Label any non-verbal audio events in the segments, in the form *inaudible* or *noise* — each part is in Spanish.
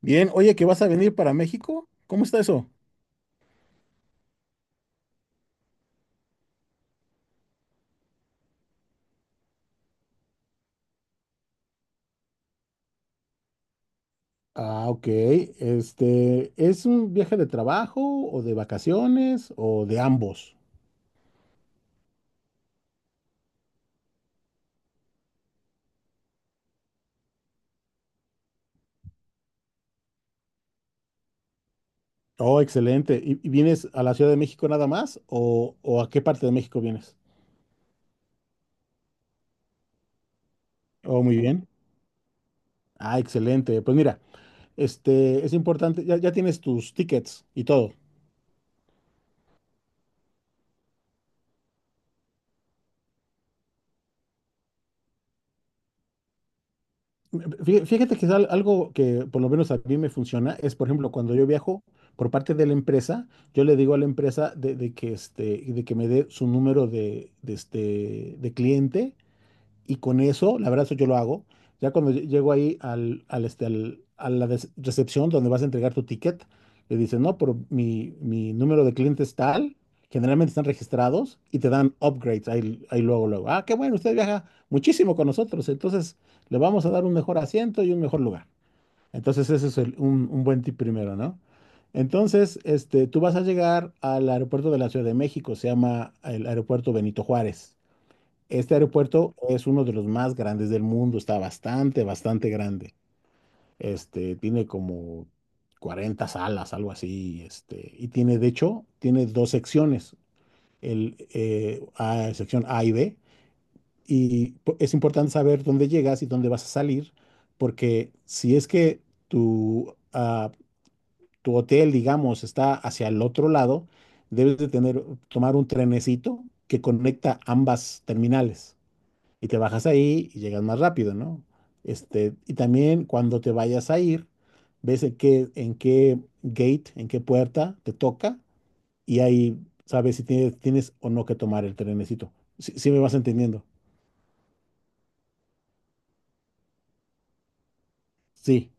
Bien, oye, ¿que vas a venir para México? ¿Cómo está eso? Ah, ok. ¿Es un viaje de trabajo o de vacaciones o de ambos? Oh, excelente. ¿Y vienes a la Ciudad de México nada más o a qué parte de México vienes? Oh, muy bien. Ah, excelente. Pues mira, es importante, ya tienes tus tickets y todo. Fíjate que es algo que por lo menos a mí me funciona es, por ejemplo, cuando yo viajo por parte de la empresa, yo le digo a la empresa de que me dé su número de cliente y con eso, la verdad, eso yo lo hago. Ya cuando llego ahí a la recepción donde vas a entregar tu ticket, le dicen, no, pero mi número de cliente es tal, generalmente están registrados y te dan upgrades ahí, ahí luego, luego. Ah, qué bueno, usted viaja muchísimo con nosotros, entonces le vamos a dar un mejor asiento y un mejor lugar. Entonces ese es un buen tip primero, ¿no? Entonces, tú vas a llegar al aeropuerto de la Ciudad de México, se llama el aeropuerto Benito Juárez. Este aeropuerto es uno de los más grandes del mundo, está bastante, bastante grande. Tiene como 40 salas, algo así, y tiene, de hecho, tiene dos secciones, sección A y B, y es importante saber dónde llegas y dónde vas a salir, porque si es que tu, ah, tu hotel, digamos, está hacia el otro lado, debes de tener, tomar un trenecito que conecta ambas terminales y te bajas ahí y llegas más rápido, ¿no? Y también cuando te vayas a ir, ves en qué gate, en qué puerta te toca y ahí sabes si tienes o no que tomar el trenecito. Si, si me vas entendiendo. Sí.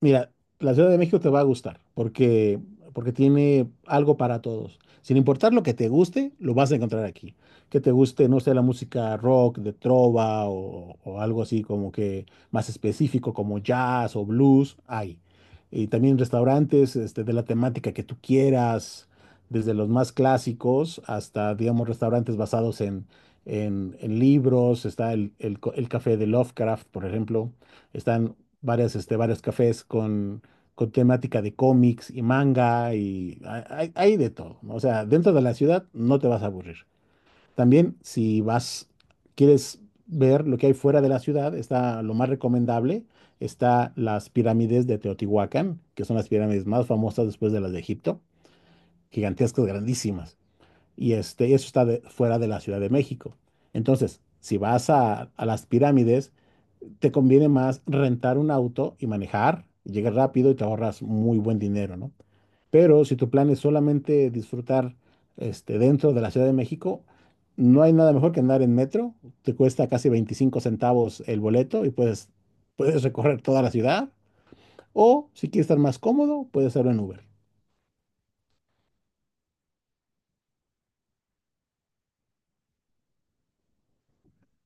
Mira, la Ciudad de México te va a gustar porque tiene algo para todos. Sin importar lo que te guste, lo vas a encontrar aquí. Que te guste, no sé, la música rock, de trova o algo así como que más específico como jazz o blues, hay. Y también restaurantes de la temática que tú quieras, desde los más clásicos hasta, digamos, restaurantes basados en libros. Está el café de Lovecraft, por ejemplo están varias, varios cafés con temática de cómics y manga y hay de todo. ¿No? O sea, dentro de la ciudad no te vas a aburrir. También si quieres ver lo que hay fuera de la ciudad, está lo más recomendable, está las pirámides de Teotihuacán, que son las pirámides más famosas después de las de Egipto, gigantescas, grandísimas. Y eso está fuera de la Ciudad de México. Entonces, si vas a las pirámides, te conviene más rentar un auto y manejar, y llegas rápido y te ahorras muy buen dinero, ¿no? Pero si tu plan es solamente disfrutar dentro de la Ciudad de México, no hay nada mejor que andar en metro, te cuesta casi 25 centavos el boleto y puedes recorrer toda la ciudad, o si quieres estar más cómodo, puedes hacerlo en Uber.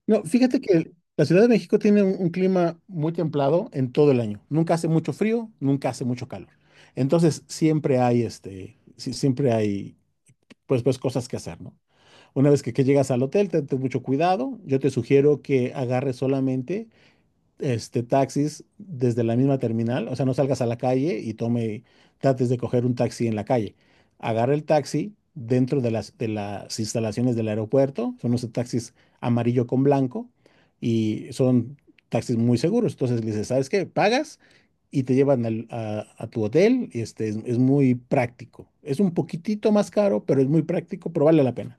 No, fíjate que la Ciudad de México tiene un clima muy templado en todo el año, nunca hace mucho frío, nunca hace mucho calor. Entonces siempre hay sí, siempre hay pues ves cosas que hacer, ¿no? Una vez que llegas al hotel, ten mucho cuidado. Yo te sugiero que agarres solamente taxis desde la misma terminal, o sea, no salgas a la calle y trates de coger un taxi en la calle. Agarra el taxi dentro de de las instalaciones del aeropuerto, son unos taxis amarillo con blanco y son taxis muy seguros. Entonces le dices, ¿sabes qué? Pagas y te llevan a tu hotel y es muy práctico. Es un poquitito más caro, pero es muy práctico, pero vale la pena.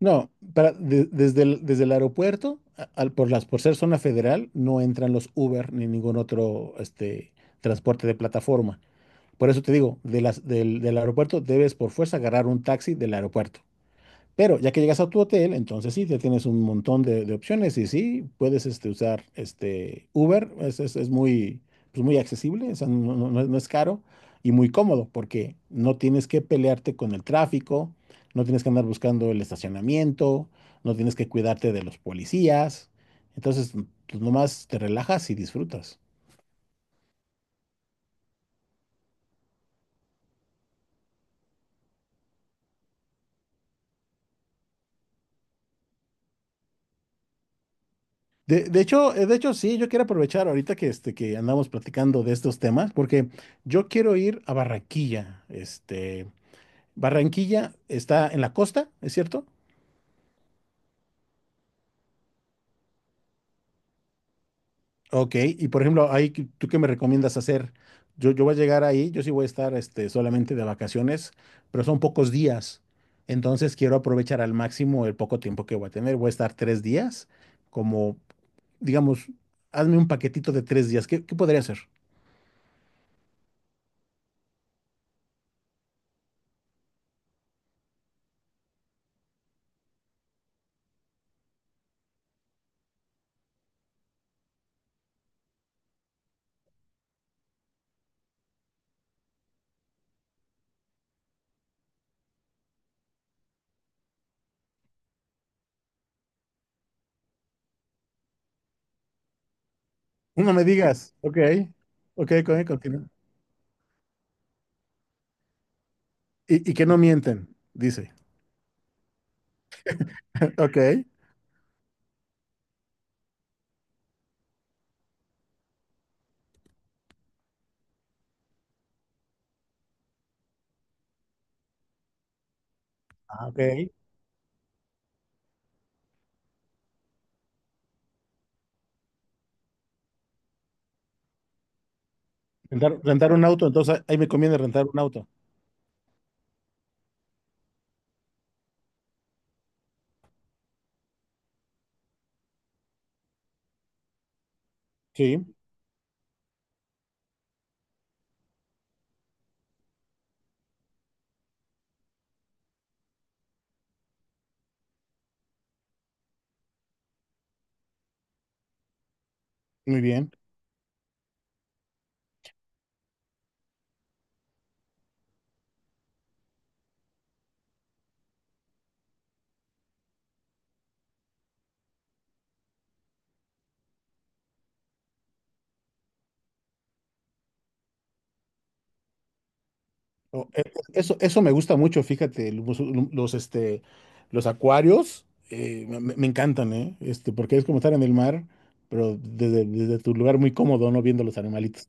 No, desde desde el aeropuerto, por por ser zona federal, no entran los Uber ni ningún otro transporte de plataforma. Por eso te digo, del aeropuerto debes por fuerza agarrar un taxi del aeropuerto. Pero ya que llegas a tu hotel, entonces sí, ya tienes un montón de opciones y sí, puedes usar Uber, es muy, pues, muy accesible, o sea, no es caro y muy cómodo porque no tienes que pelearte con el tráfico, no tienes que andar buscando el estacionamiento, no tienes que cuidarte de los policías, entonces pues, nomás te relajas y disfrutas. De hecho, sí, yo quiero aprovechar ahorita que andamos platicando de estos temas, porque yo quiero ir a Barranquilla, Barranquilla está en la costa, ¿es cierto? Ok, y por ejemplo, ahí, ¿tú qué me recomiendas hacer? Yo voy a llegar ahí, yo sí voy a estar solamente de vacaciones, pero son pocos días. Entonces quiero aprovechar al máximo el poco tiempo que voy a tener. Voy a estar 3 días, como, digamos, hazme un paquetito de 3 días. ¿Qué, qué podría hacer? No me digas. Ok, ok, ok, continúa. Y que no mienten, dice. *laughs* Ok. Ah, ok. Rentar, rentar un auto, entonces ahí me conviene rentar un auto. Sí, muy bien. No, eso, eso me gusta mucho, fíjate, los acuarios me encantan, ¿eh? Este, porque es como estar en el mar, desde tu lugar muy cómodo, ¿no? Viendo los animalitos.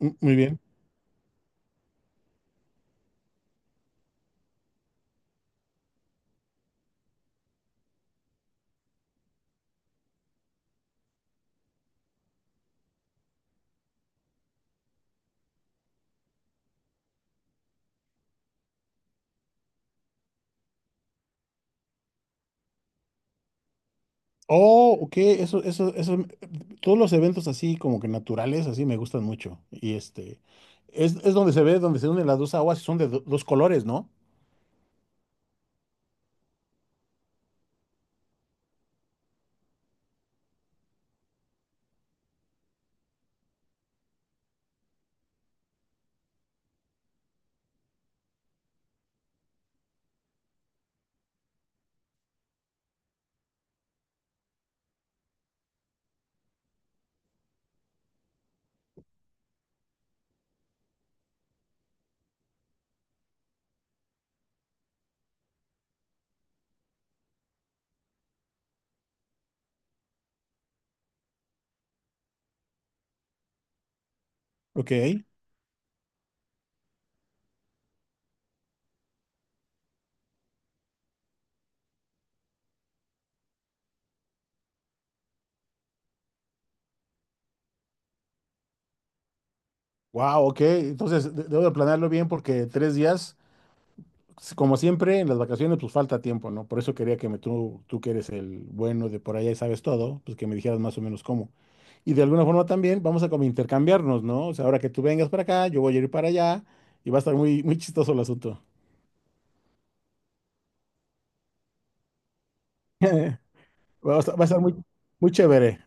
Mm, muy bien. Oh, ok, eso, todos los eventos así como que naturales, así me gustan mucho. Y es donde se ve, donde se unen las dos aguas y son de dos colores, ¿no? Ok, wow, ok, entonces debo de planearlo bien porque 3 días... Pues, como siempre, en las vacaciones pues falta tiempo, ¿no? Por eso quería que tú que eres el bueno de por allá y sabes todo, pues que me dijeras más o menos cómo. Y de alguna forma también vamos a como intercambiarnos, ¿no? O sea, ahora que tú vengas para acá, yo voy a ir para allá y va a estar muy, muy chistoso el asunto. *laughs* Va a estar muy, muy chévere.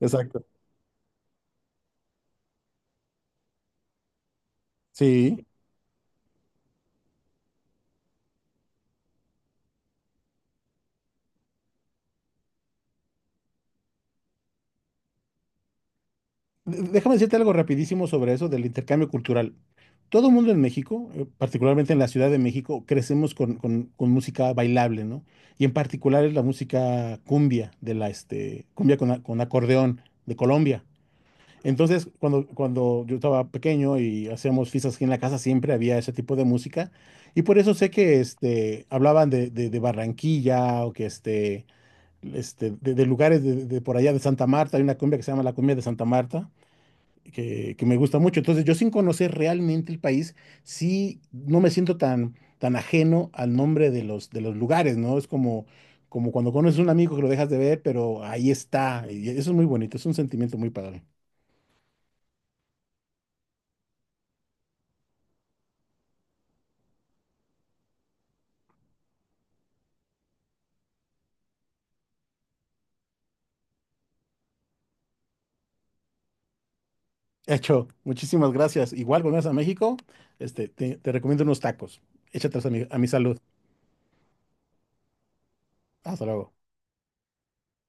Exacto. Sí. Déjame decirte algo rapidísimo sobre eso del intercambio cultural. Todo el mundo en México, particularmente en la Ciudad de México, crecemos con música bailable, ¿no? Y en particular es la música cumbia, de la cumbia con acordeón de Colombia. Entonces, cuando yo estaba pequeño y hacíamos fiestas aquí en la casa, siempre había ese tipo de música. Y por eso sé que hablaban de Barranquilla o que de lugares de por allá de Santa Marta. Hay una cumbia que se llama la cumbia de Santa Marta que me gusta mucho. Entonces, yo sin conocer realmente el país, sí no me siento tan, tan ajeno al nombre de de los lugares, ¿no? Es como, como cuando conoces a un amigo que lo dejas de ver, pero ahí está. Y eso es muy bonito, es un sentimiento muy padre. Hecho, muchísimas gracias. Igual, cuando vayas a México, te recomiendo unos tacos. Échatelos a a mi salud. Hasta luego.